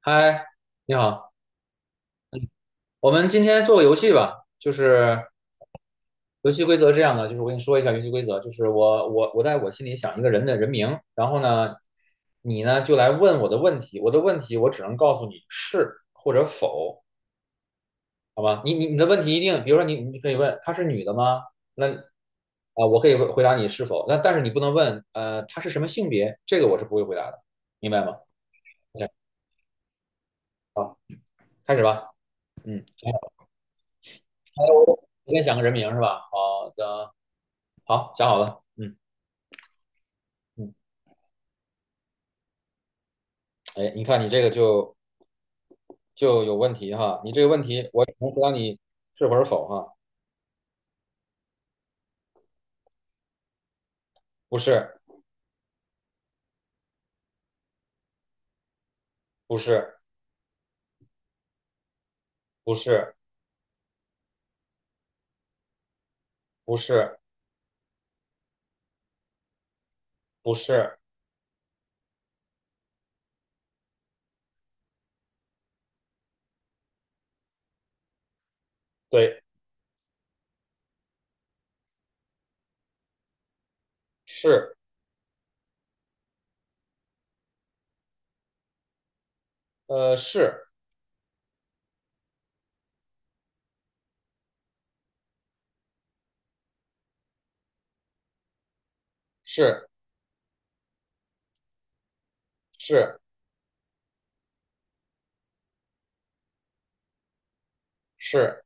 嗨，你好，我们今天做个游戏吧。游戏规则是这样的，就是我跟你说一下游戏规则，就是我在我心里想一个人的人名，然后呢，你呢就来问我的问题，我的问题我只能告诉你是或者否，好吧？你的问题一定，比如说你可以问她是女的吗？那啊，我可以回答你是否，那但是你不能问她是什么性别，这个我是不会回答的，明白吗？OK，开始吧。来我先想个人名是吧？好的。好，讲好了。嗯嗯，哎，你看你这个就有问题哈。你这个问题，我只能回答你是或者否哈。不是，不是，不是，不是，不是，对，是，呃，是，是，是，是，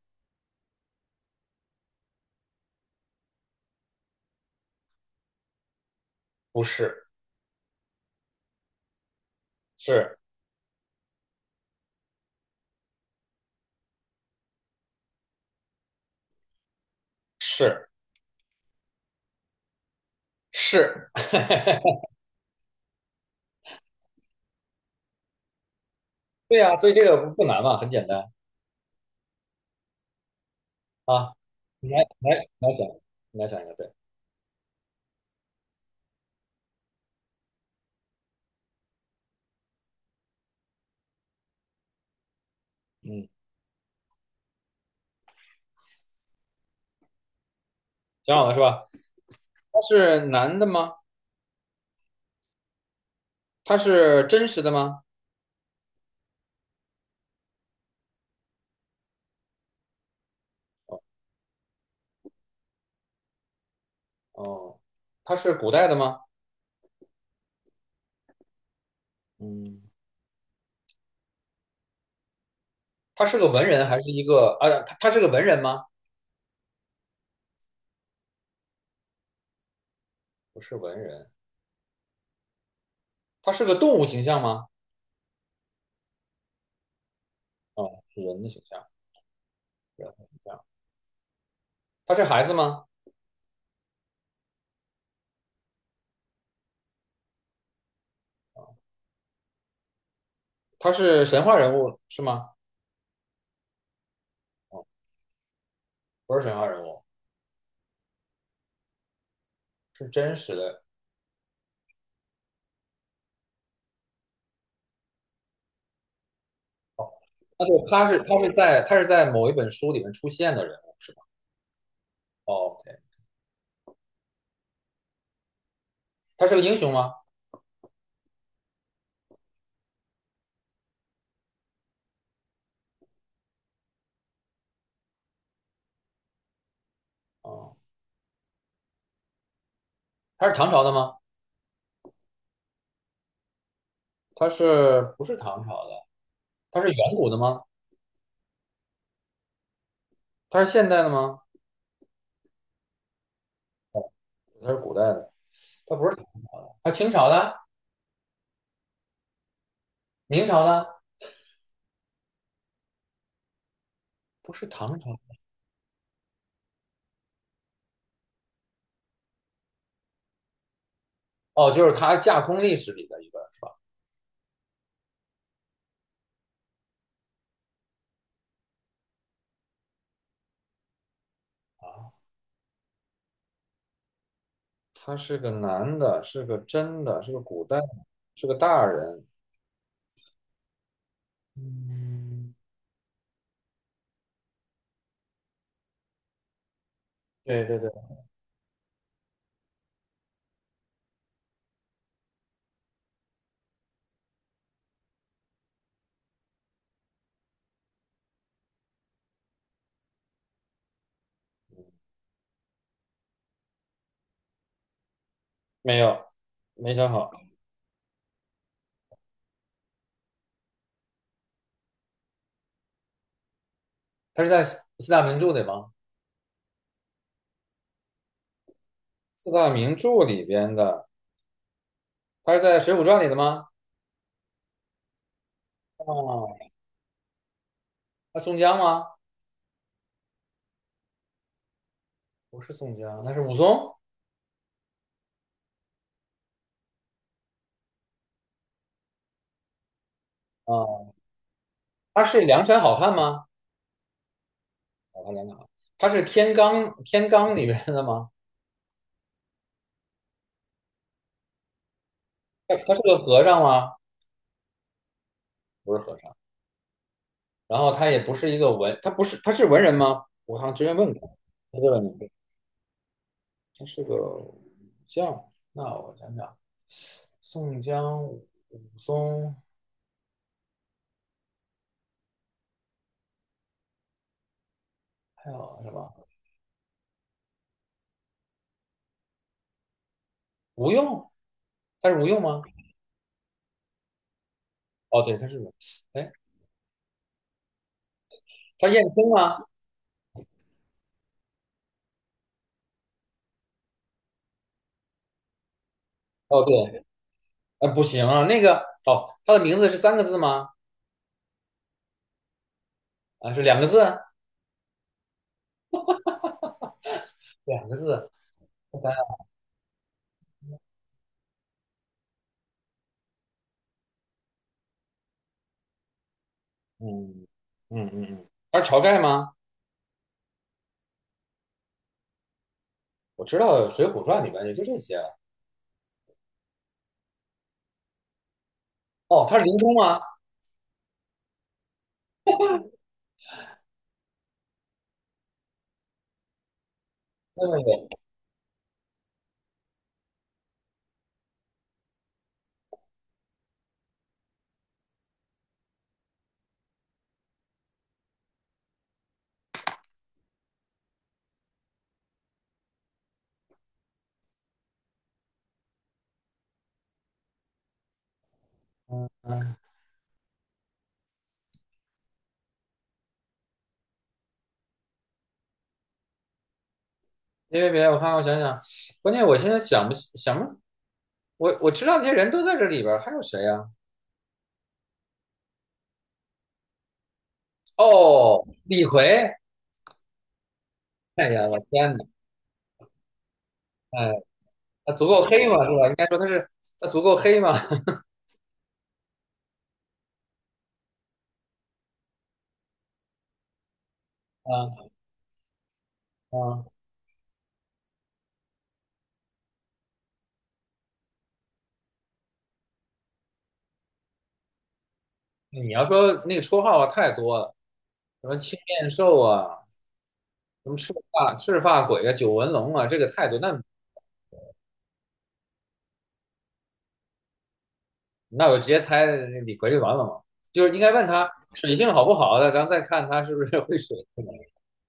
不是，是，是，是，对呀、所以这个不难嘛，很简单啊。你来，你来，你来想，你来想一个，对，嗯，讲好了是吧？它是男的吗？它是真实的吗？哦，它是古代的吗？嗯，他是个文人还是一个啊？他是个文人吗？不是文人，他是个动物形象吗？啊、是人的形象，人的形象。他是孩子吗？啊、他是神话人物是吗？哦，不是神话人物，是真实的。哦，那就他是在某一本书里面出现的人物是吧？哦，OK，他是个英雄吗？哦，他是唐朝的吗？他是不是唐朝的？他是远古的吗？他是现代的吗？他是古代的？他不是唐，他清朝的、明朝的，不是唐朝。哦，就是他架空历史里的一个是吧？啊，他是个男的，是个真的，是个古代，是个大人。嗯，对对对，没有，没想好。他是在四大名著里吗？四大名著里边的，他是在《水浒传》里的吗？哦，他宋江吗？不是宋江，那是武松。啊，他是梁山好汉吗？好汉梁山好汉，他是天罡里边的吗？他是个和尚吗？不是和尚。然后他也不是一个文，他不是他是文人吗？我好像之前问过，他这个你他是个武将。那我想想，宋江、武松还有什么？吴用？他是吴用吗？哦，对，他是吴。哎，他燕青吗？哦，对，不行啊，那个哦，他的名字是三个字吗？啊，是两个字？两个字。我想想，嗯嗯嗯嗯，他是晁盖吗？我知道《水浒传》里面也就这些。哦，他是林冲吗？对对对，嗯嗯。别的，我看看，我想想，关键我现在想不起想不，我知道这些人都在这里边儿，还有谁呀、哦，李逵，哎呀，我天哪，哎，他足够黑吗？是吧？应该说他是他足够黑吗？啊啊，你要说那个绰号啊，太多了，什么青面兽啊，什么赤发鬼啊，九纹龙啊，这个太多。那那我直接猜李逵就完了嘛，就是应该问他水性好不好的，咱再看他是不是会水。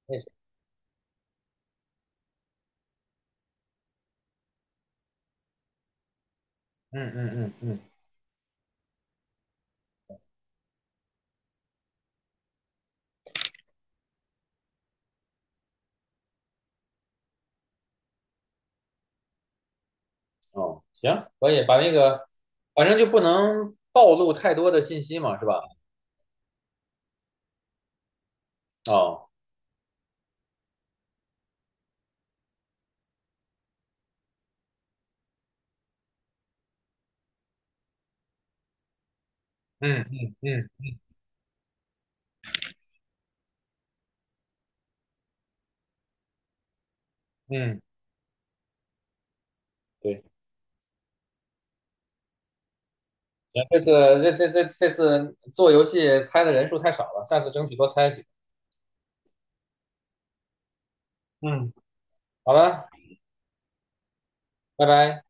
会水嗯嗯嗯嗯。哦，行，可以把那个，反正就不能暴露太多的信息嘛，是吧？哦，嗯嗯嗯嗯，对，行，这次这次做游戏猜的人数太少了，下次争取多猜几个。嗯，好了，拜拜。